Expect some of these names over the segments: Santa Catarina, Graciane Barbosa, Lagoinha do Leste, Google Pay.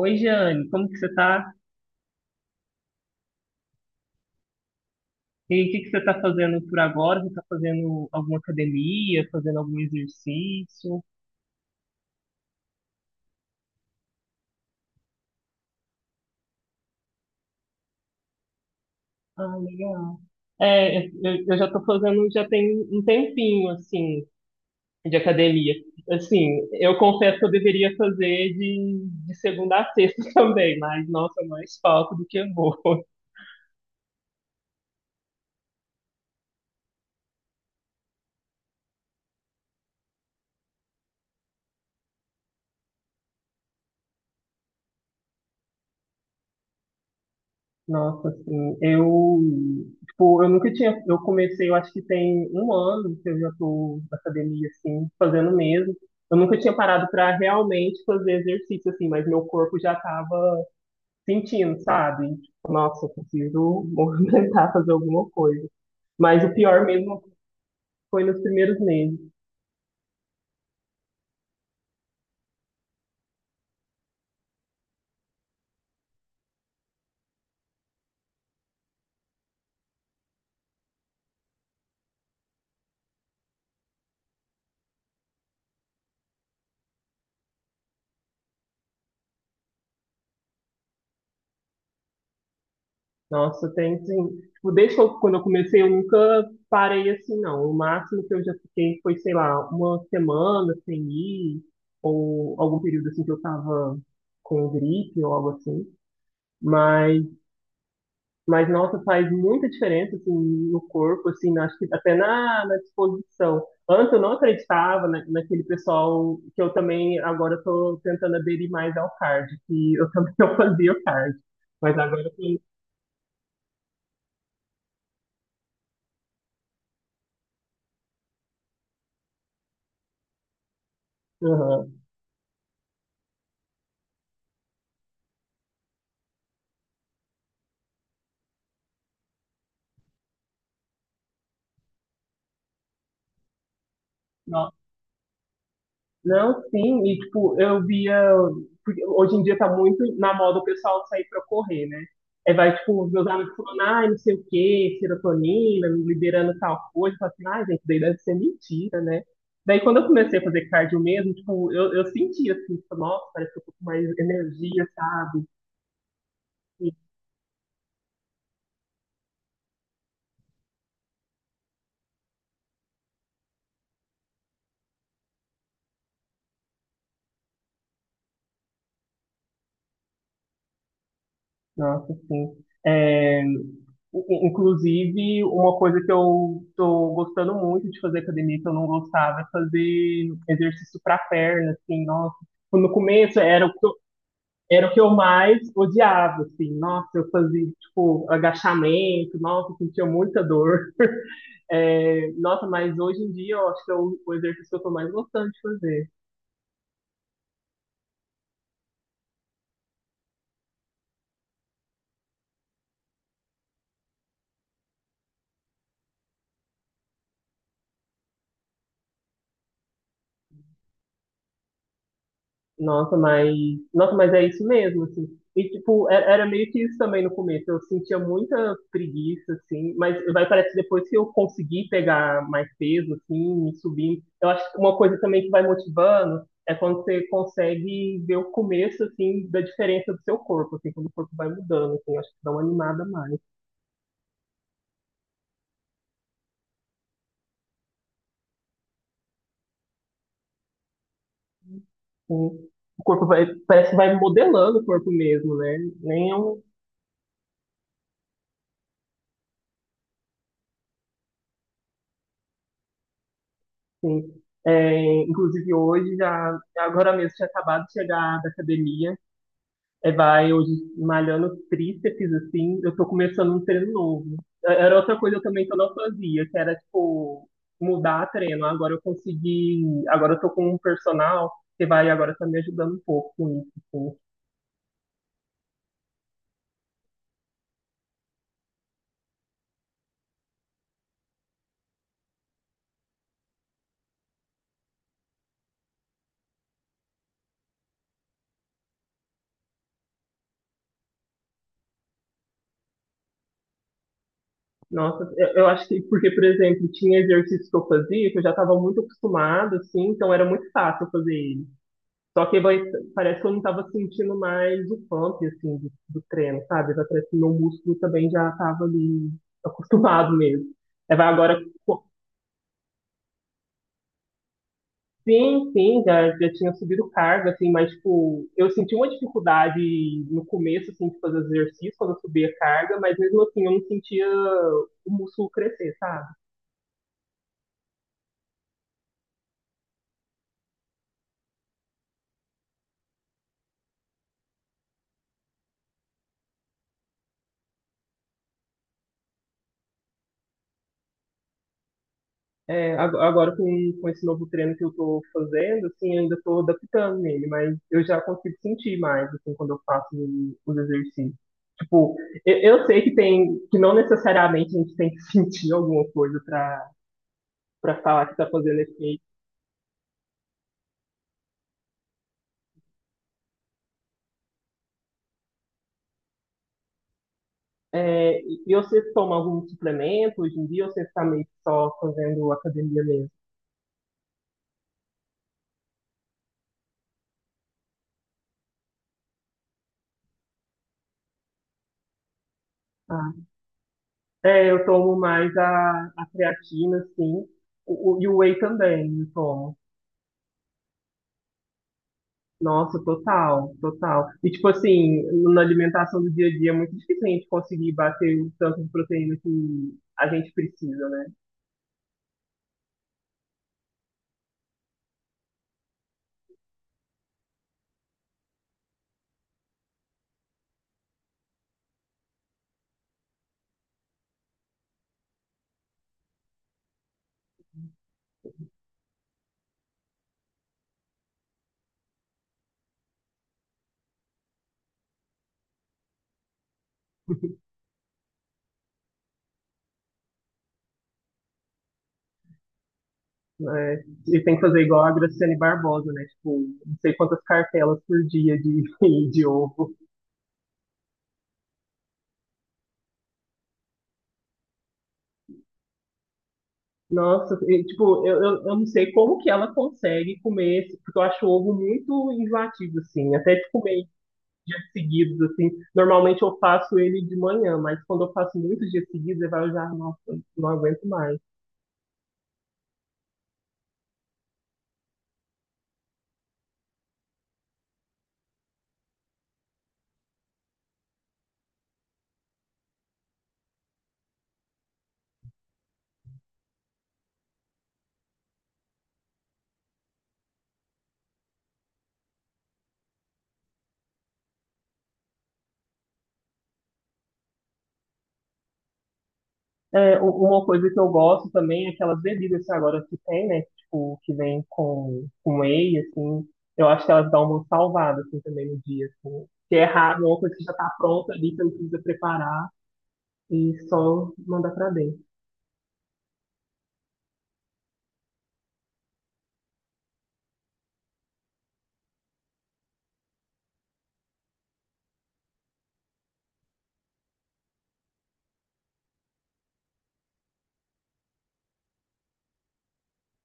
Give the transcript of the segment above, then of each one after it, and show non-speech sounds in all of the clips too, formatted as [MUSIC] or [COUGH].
Oi, Jane, como que você tá? E o que que você tá fazendo por agora? Você tá fazendo alguma academia, fazendo algum exercício? Ah, legal. É, eu já tô fazendo, já tem um tempinho, assim, de academia. Assim, eu confesso que eu deveria fazer de segunda a sexta [LAUGHS] também, mas, nossa, é mais falta do que eu vou. Nossa, assim, tipo, eu nunca tinha, eu comecei, eu acho que tem um ano que eu já tô na academia, assim, fazendo mesmo. Eu nunca tinha parado para realmente fazer exercício, assim, mas meu corpo já tava sentindo, sabe? Tipo, nossa, eu preciso [LAUGHS] movimentar, fazer alguma coisa. Mas o pior mesmo foi nos primeiros meses. Nossa, tem sim. Tipo, desde que quando eu comecei, eu nunca parei assim, não. O máximo que eu já fiquei foi, sei lá, uma semana sem ir, ou algum período assim que eu tava com gripe ou algo assim. Mas, mas, nossa, faz muita diferença assim, no corpo, assim, acho que até na disposição. Antes eu não acreditava naquele pessoal que eu também agora estou tentando aderir mais ao cardio, que eu também [LAUGHS] não fazia o cardio. Mas agora eu tô- Aham. Não, sim, e tipo, eu via. Porque hoje em dia tá muito na moda o pessoal sair pra correr, né? Aí vai, tipo, os meus amigos falando, ai, não sei o quê, serotonina, liberando tal coisa. Eu falo assim, ai, gente, daí deve ser mentira, né? Daí quando eu comecei a fazer cardio mesmo, tipo, eu senti assim, tipo, nossa, parece que eu tô com mais energia, sabe? Nossa, sim. É, inclusive, uma coisa que eu tô gostando muito de fazer academia, que eu não gostava, é fazer exercício para perna, assim, nossa. No começo era o que eu mais odiava, assim, nossa, eu fazia, tipo, agachamento, nossa, eu sentia muita dor. É, nossa, mas hoje em dia eu acho que é o exercício que eu tô mais gostando de fazer. Nossa, mas, nossa, mas é isso mesmo, assim. E, tipo, era meio que isso também no começo. Eu sentia muita preguiça, assim, mas vai parece que depois que eu consegui pegar mais peso, assim, me subindo. Eu acho que uma coisa também que vai motivando é quando você consegue ver o começo, assim, da diferença do seu corpo, assim, quando o corpo vai mudando, assim, eu acho que dá uma animada a mais, assim. O corpo vai, parece que vai modelando o corpo mesmo, né? Nem é um. Sim. É, inclusive hoje, já, agora mesmo, tinha acabado de chegar da academia, é, vai hoje malhando tríceps, assim, eu tô começando um treino novo. É, era outra coisa também que eu não fazia, que era, tipo, mudar treino. Agora eu tô com um personal que vai agora tá me ajudando um pouco com isso, assim. Nossa, eu acho que, porque, por exemplo, tinha exercícios que eu fazia, que eu já estava muito acostumado, assim, então era muito fácil eu fazer. Só que vai, parece que eu não tava sentindo mais o pump, assim, do treino, sabe? Vai parece que meu músculo também já tava ali acostumado mesmo. Aí vai agora, pô, sim, sim, já tinha subido carga, assim, mas, tipo, eu senti uma dificuldade no começo, assim, de fazer os exercícios quando eu subia a carga, mas mesmo assim eu não sentia o músculo crescer, sabe? É, agora com esse novo treino que eu tô fazendo, assim, eu ainda tô adaptando nele, mas eu já consigo sentir mais, assim, quando eu faço os exercícios. Tipo, eu sei que não necessariamente a gente tem que [LAUGHS] sentir alguma coisa pra falar que tá fazendo efeito. É, e você toma algum suplemento hoje em dia ou você está meio que só fazendo academia mesmo? Ah, é, eu tomo mais a creatina, sim, e o whey também, eu tomo. Nossa, total, total. E tipo assim, na alimentação do dia a dia é muito difícil a gente conseguir bater o tanto de proteína que a gente precisa, né? [LAUGHS] É, e tem que fazer igual a Graciane Barbosa, né? Tipo, não sei quantas cartelas por dia de, [LAUGHS] de ovo. Nossa, e, tipo, eu não sei como que ela consegue comer esse, porque eu acho o ovo muito enjoativo, assim, até de comer dias seguidos, assim. Normalmente eu faço ele de manhã, mas quando eu faço muitos dias seguidos, eu falo já, nossa, não aguento mais. É, uma coisa que eu gosto também é aquelas bebidas que agora que tem, né, tipo, que vem com whey, assim, eu acho que elas dão uma salvada, assim, também no dia, assim. Que é raro, é uma coisa que já tá pronta ali, que não precisa preparar e só mandar pra dentro.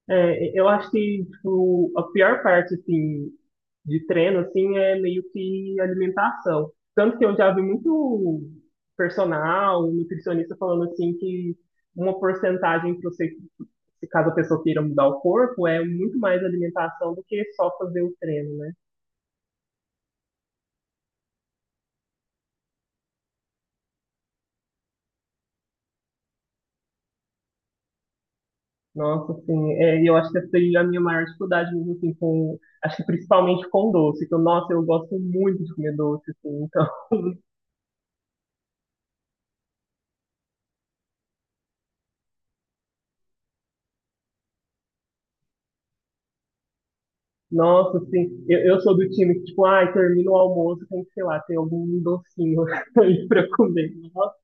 É, eu acho que tipo, a pior parte assim, de treino assim, é meio que alimentação. Tanto que eu já vi muito personal, nutricionista falando assim que uma porcentagem para você, se caso a pessoa queira mudar o corpo, é muito mais alimentação do que só fazer o treino, né? Nossa, assim, é, eu acho que essa foi a minha maior dificuldade mesmo, assim, com, acho que principalmente com doce, que eu, nossa, eu gosto muito de comer doce, assim, então [LAUGHS] Nossa, sim. Eu sou do time que, tipo, ai, termina o almoço, tem que, sei lá, ter algum docinho [LAUGHS] aí pra comer. Nossa.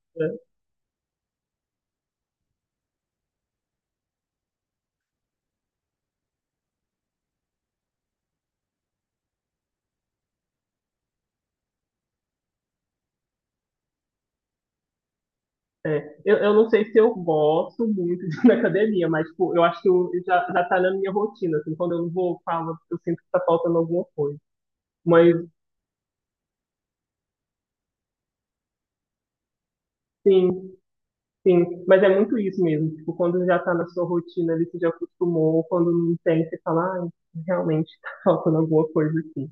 É. Eu não sei se eu gosto muito de ir na academia, mas, tipo, eu acho que eu, já tá na minha rotina, assim, quando eu não vou, falo, eu sinto que tá faltando alguma coisa. Mas, sim, sim. Mas é muito isso mesmo, tipo, quando já tá na sua rotina, ali, você já acostumou, quando não tem, você fala, ai, realmente tá faltando alguma coisa aqui.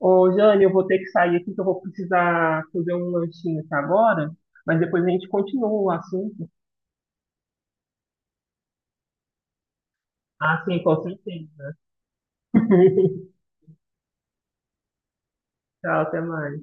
Ô, Jane, eu vou ter que sair aqui que eu vou precisar fazer um lanchinho aqui agora, mas depois a gente continua o assunto. Ah, sim, com certeza. [LAUGHS] Tchau, até mais.